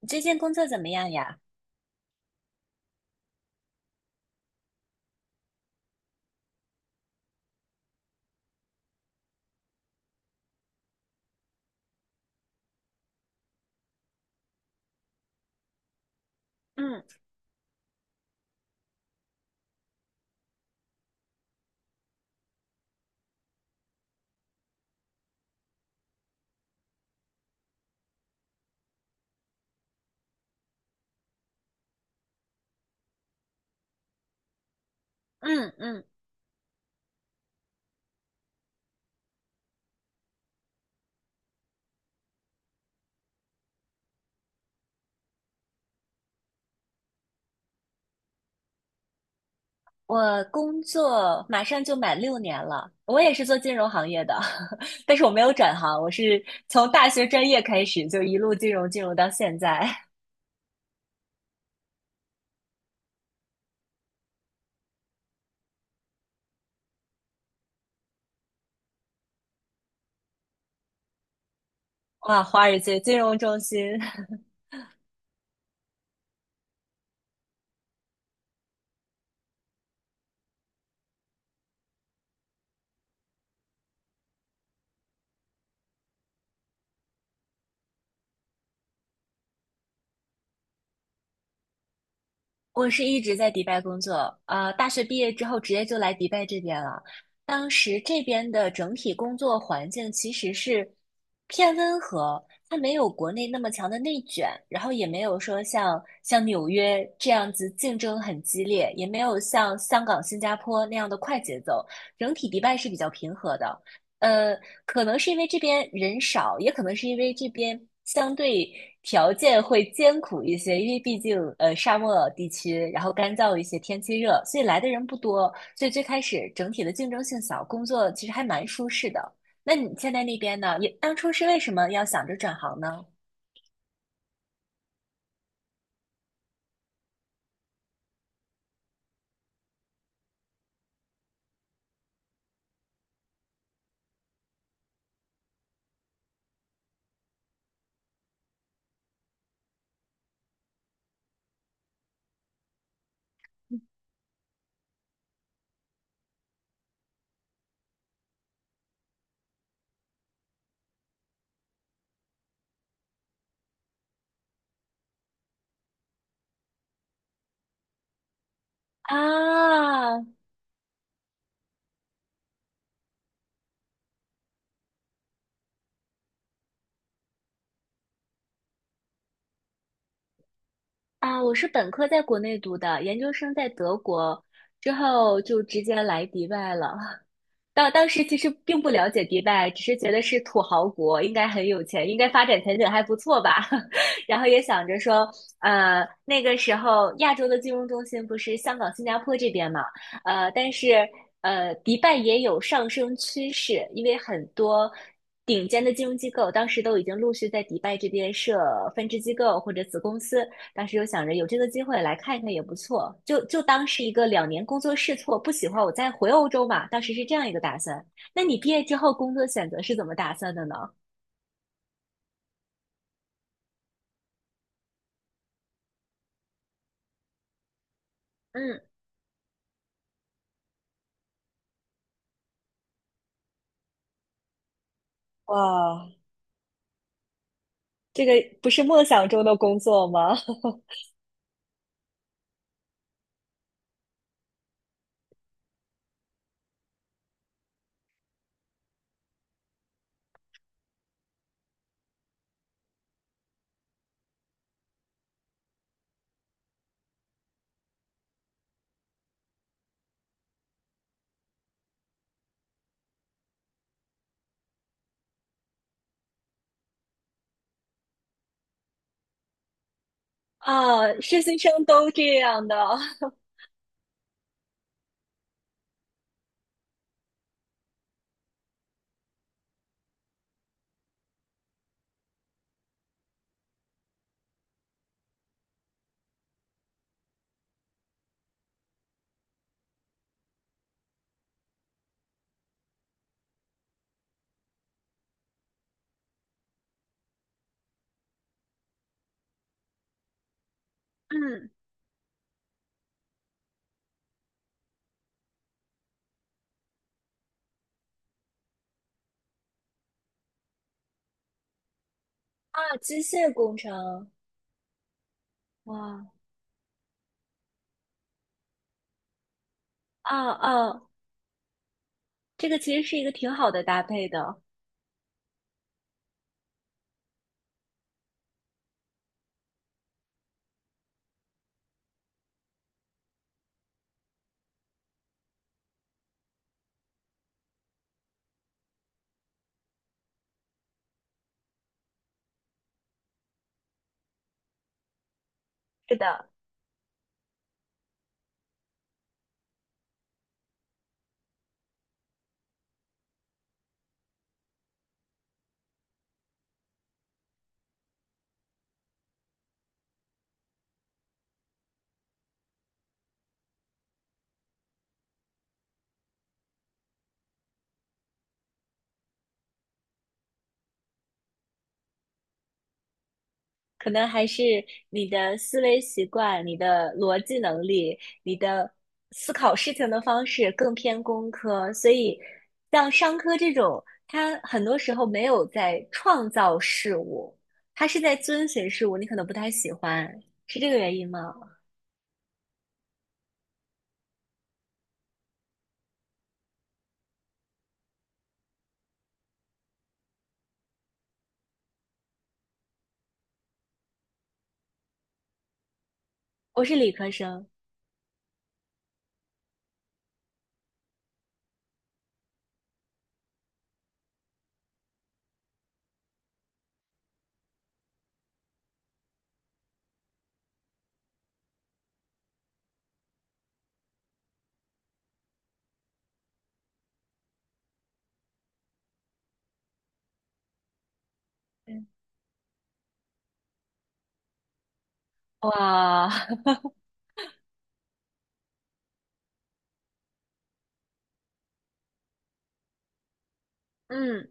你最近工作怎么样呀？嗯嗯，我工作马上就满6年了，我也是做金融行业的，但是我没有转行，我是从大学专业开始就一路金融到现在。哇，华尔街金融中心，我是一直在迪拜工作，大学毕业之后直接就来迪拜这边了。当时这边的整体工作环境其实是偏温和，它没有国内那么强的内卷，然后也没有说像纽约这样子竞争很激烈，也没有像香港、新加坡那样的快节奏。整体迪拜是比较平和的，呃，可能是因为这边人少，也可能是因为这边相对条件会艰苦一些，因为毕竟沙漠地区，然后干燥一些，天气热，所以来的人不多，所以最开始整体的竞争性小，工作其实还蛮舒适的。那你现在那边呢？你当初是为什么要想着转行呢？啊啊！我是本科在国内读的，研究生在德国，之后就直接来迪拜了。当时其实并不了解迪拜，只是觉得是土豪国，应该很有钱，应该发展前景还不错吧。然后也想着说，那个时候亚洲的金融中心不是香港、新加坡这边嘛，但是迪拜也有上升趋势，因为很多顶尖的金融机构当时都已经陆续在迪拜这边设分支机构或者子公司，当时又想着有这个机会来看一看也不错，就当是一个两年工作试错，不喜欢我再回欧洲嘛。当时是这样一个打算。那你毕业之后工作选择是怎么打算的呢？嗯，哇，这个不是梦想中的工作吗？啊，实习生都这样的。嗯，啊，机械工程，哇，啊，这个其实是一个挺好的搭配的。是的，可能还是你的思维习惯、你的逻辑能力、你的思考事情的方式更偏工科，所以像商科这种，它很多时候没有在创造事物，它是在遵循事物，你可能不太喜欢，是这个原因吗？我是理科生，哇，嗯。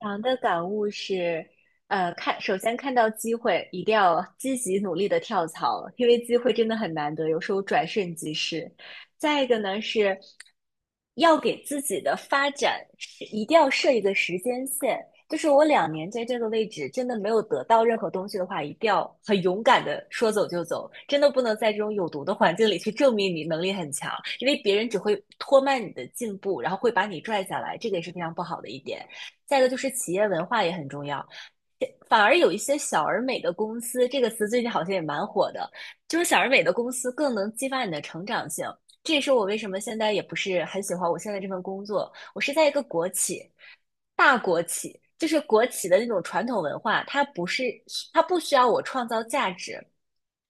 长的感悟是，看，首先看到机会，一定要积极努力的跳槽，因为机会真的很难得，有时候转瞬即逝。再一个呢是，要给自己的发展是一定要设一个时间线，就是我两年在这个位置真的没有得到任何东西的话，一定要很勇敢的说走就走，真的不能在这种有毒的环境里去证明你能力很强，因为别人只会拖慢你的进步，然后会把你拽下来，这个也是非常不好的一点。再一个就是企业文化也很重要。反而有一些小而美的公司，这个词最近好像也蛮火的，就是小而美的公司更能激发你的成长性。这也是我为什么现在也不是很喜欢我现在这份工作。我是在一个国企，大国企，就是国企的那种传统文化，它不需要我创造价值，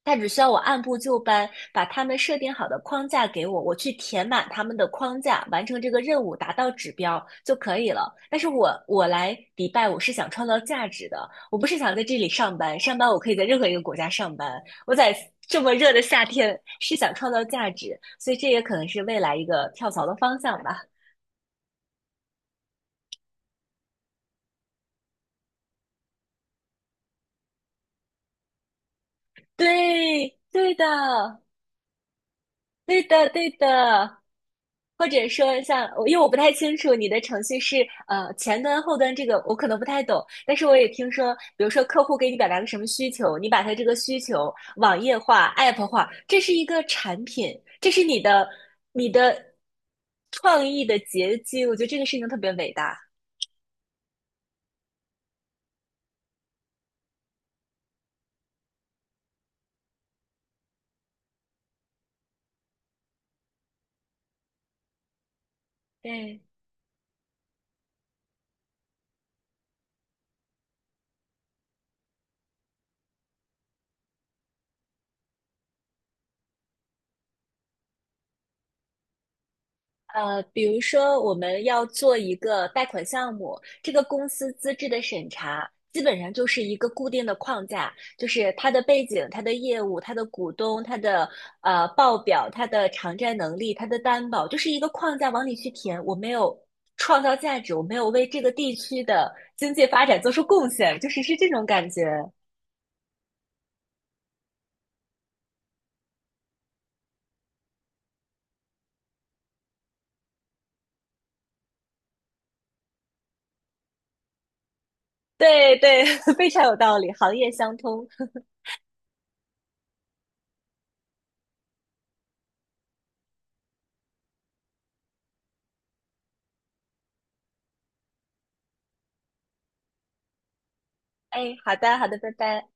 他只需要我按部就班把他们设定好的框架给我，我去填满他们的框架，完成这个任务，达到指标就可以了。但是我来迪拜，我是想创造价值的，我不是想在这里上班，上班我可以在任何一个国家上班，我在这么热的夏天是想创造价值，所以这也可能是未来一个跳槽的方向吧。对，对的。对的，对的。或者说像，我因为我不太清楚你的程序是前端后端这个我可能不太懂，但是我也听说，比如说客户给你表达个什么需求，你把他这个需求网页化、app 化，这是一个产品，这是你的创意的结晶，我觉得这个事情特别伟大。对，比如说我们要做一个贷款项目，这个公司资质的审查基本上就是一个固定的框架，就是它的背景、它的业务、它的股东、它的报表、它的偿债能力、它的担保，就是一个框架往里去填。我没有创造价值，我没有为这个地区的经济发展做出贡献，就是是这种感觉。对对，非常有道理，行业相通。哎，好的好的，拜拜。